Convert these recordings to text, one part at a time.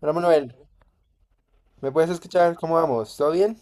Hola Manuel, ¿me puedes escuchar? ¿Cómo vamos? ¿Todo bien?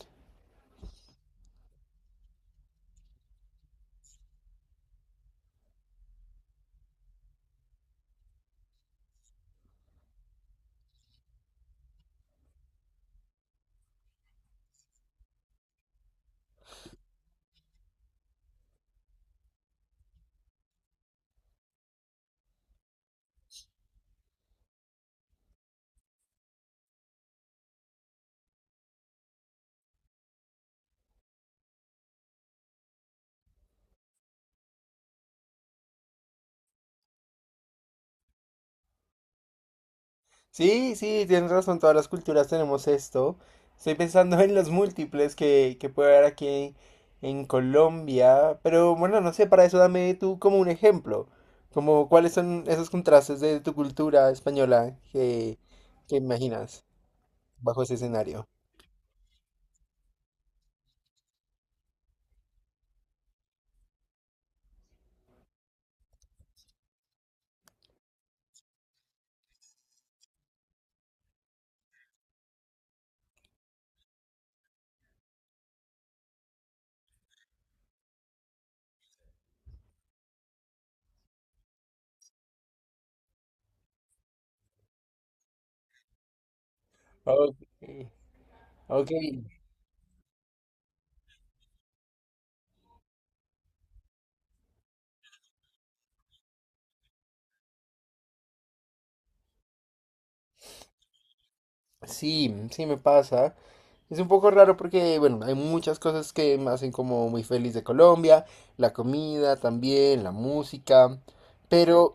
Sí, sí, tienes razón, todas las culturas tenemos esto. Estoy pensando en los múltiples que puede haber aquí en Colombia, pero bueno, no sé, para eso dame tú como un ejemplo, como cuáles son esos contrastes de tu cultura española que imaginas bajo ese escenario. Ok, ok. Sí, sí me pasa. Es un poco raro porque, bueno, hay muchas cosas que me hacen como muy feliz de Colombia, la comida también, la música, pero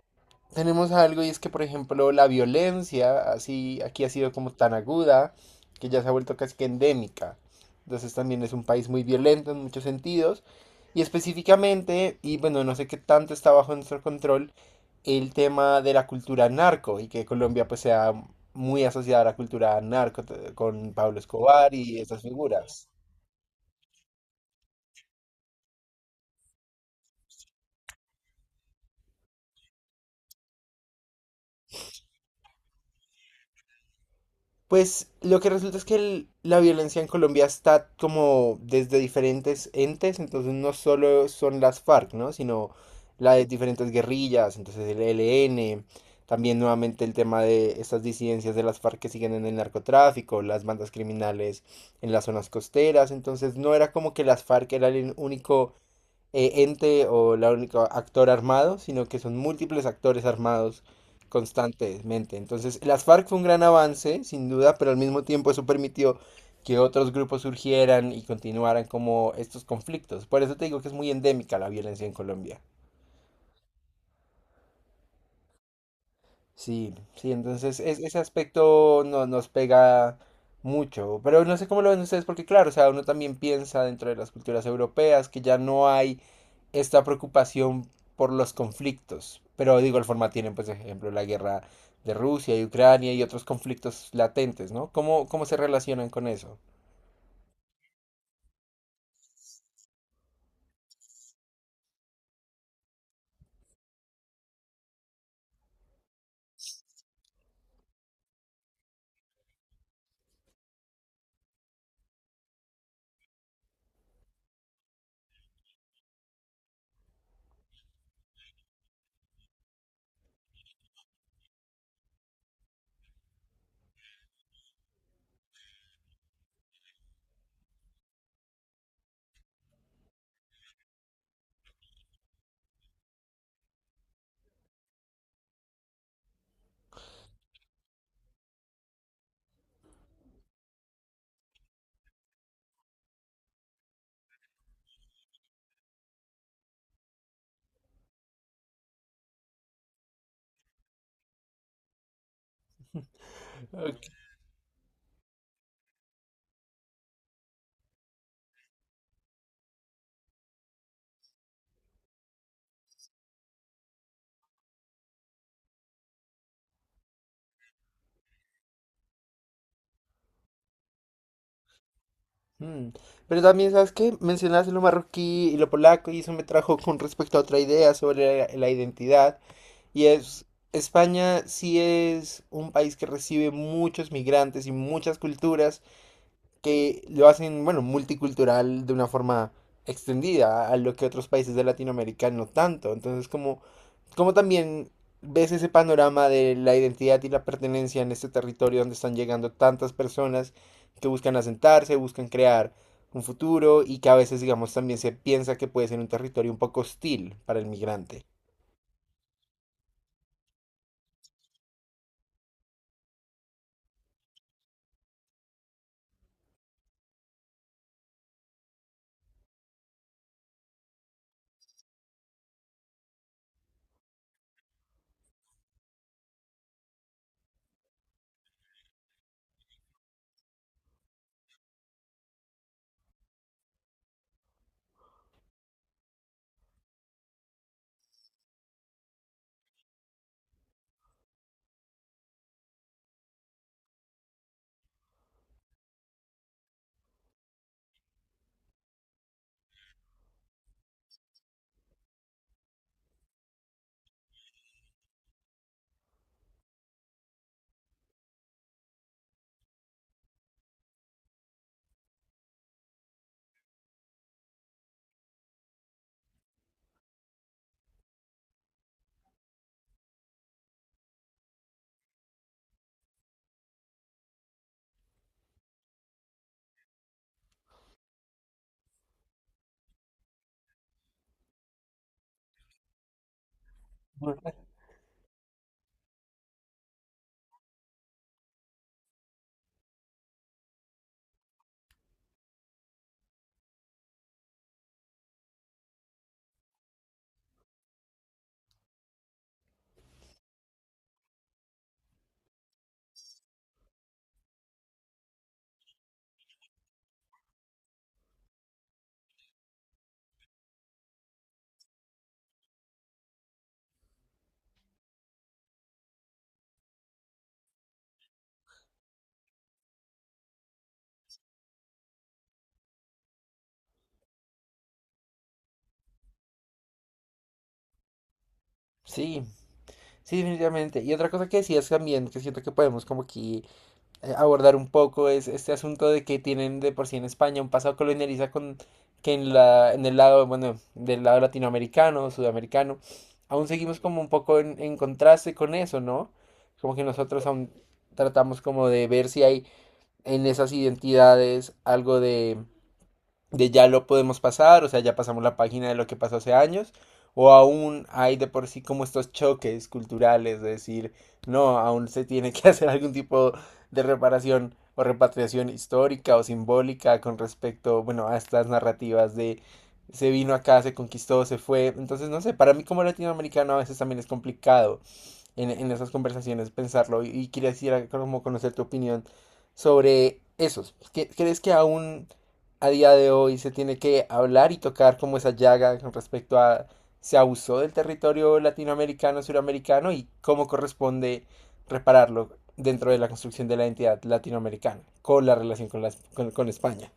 tenemos algo y es que, por ejemplo, la violencia así aquí ha sido como tan aguda que ya se ha vuelto casi que endémica. Entonces también es un país muy violento en muchos sentidos y específicamente, y bueno, no sé qué tanto está bajo nuestro control, el tema de la cultura narco y que Colombia pues sea muy asociada a la cultura con Pablo Escobar y esas figuras. Pues lo que resulta es que la violencia en Colombia está como desde diferentes entes, entonces no solo son las FARC, ¿no? Sino las de diferentes guerrillas, entonces el ELN, también nuevamente el tema de estas disidencias de las FARC que siguen en el narcotráfico, las bandas criminales en las zonas costeras, entonces no era como que las FARC era el único ente o la única actor armado, sino que son múltiples actores armados constantemente. Entonces, las FARC fue un gran avance, sin duda, pero al mismo tiempo eso permitió que otros grupos surgieran y continuaran como estos conflictos. Por eso te digo que es muy endémica la violencia en Colombia. Sí, sí, entonces ese aspecto no, nos pega mucho, pero no sé cómo lo ven ustedes, porque claro, o sea, uno también piensa dentro de las culturas europeas que ya no hay esta preocupación por los conflictos, pero de igual forma tienen, pues, ejemplo, la guerra de Rusia y Ucrania y otros conflictos latentes, ¿no? ¿Cómo, cómo se relacionan con eso? Ok. Mm. Pero también, ¿sabes qué? Mencionaste lo marroquí y lo polaco y eso me trajo con respecto a otra idea sobre la identidad. Y es, España sí es un país que recibe muchos migrantes y muchas culturas que lo hacen, bueno, multicultural de una forma extendida a lo que otros países de Latinoamérica no tanto. Entonces, como también ves ese panorama de la identidad y la pertenencia en este territorio donde están llegando tantas personas que buscan asentarse, buscan crear un futuro y que a veces, digamos, también se piensa que puede ser un territorio un poco hostil para el migrante. Sí, sí, definitivamente. Y otra cosa que decías también, que siento que podemos como aquí abordar un poco, es este asunto de que tienen de por sí en España un pasado colonialista con que en en el lado, bueno, del lado latinoamericano, sudamericano, aún seguimos como un poco en contraste con eso, ¿no? Como que nosotros aún tratamos como de ver si hay en esas identidades algo de ya lo podemos pasar, o sea, ya pasamos la página de lo que pasó hace años, o aún hay de por sí como estos choques culturales de decir, no, aún se tiene que hacer algún tipo de reparación o repatriación histórica o simbólica con respecto, bueno, a estas narrativas de se vino acá, se conquistó, se fue. Entonces, no sé, para mí como latinoamericano a veces también es complicado en esas conversaciones, pensarlo y quisiera como conocer tu opinión sobre esos. ¿Crees que aún a día de hoy se tiene que hablar y tocar como esa llaga con respecto a se abusó del territorio latinoamericano, suramericano y cómo corresponde repararlo dentro de la construcción de la identidad latinoamericana con la relación con, con España?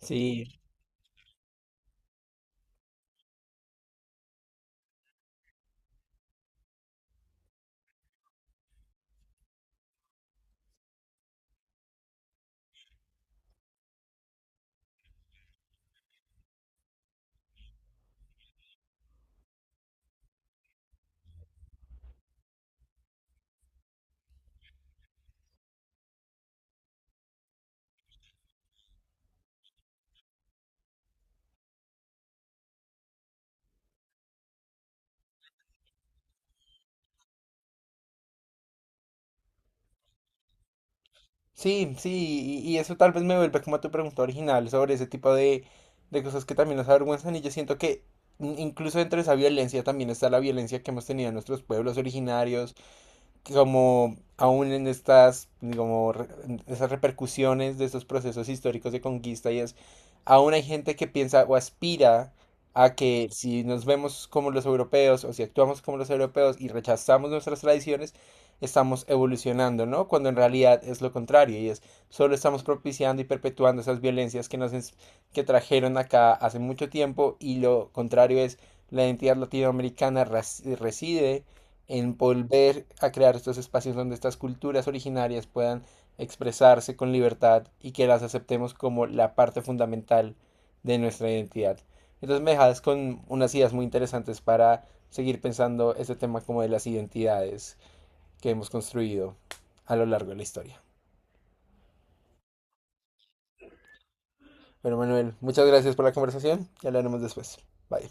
Sí, sí, sí, y eso tal vez me vuelve como a tu pregunta original sobre ese tipo de cosas que también nos avergüenzan y yo siento que incluso dentro de esa violencia también está la violencia que hemos tenido en nuestros pueblos originarios, como aún en estas, como en esas repercusiones de estos procesos históricos de conquista y es, aún hay gente que piensa o aspira a que si nos vemos como los europeos o si actuamos como los europeos y rechazamos nuestras tradiciones, estamos evolucionando, ¿no? Cuando en realidad es lo contrario y es, solo estamos propiciando y perpetuando esas violencias que que trajeron acá hace mucho tiempo y lo contrario es, la identidad latinoamericana reside en volver a crear estos espacios donde estas culturas originarias puedan expresarse con libertad y que las aceptemos como la parte fundamental de nuestra identidad. Entonces me dejas con unas ideas muy interesantes para seguir pensando este tema como de las identidades que hemos construido a lo largo de la historia. Bueno, Manuel, muchas gracias por la conversación y hablaremos después. Bye.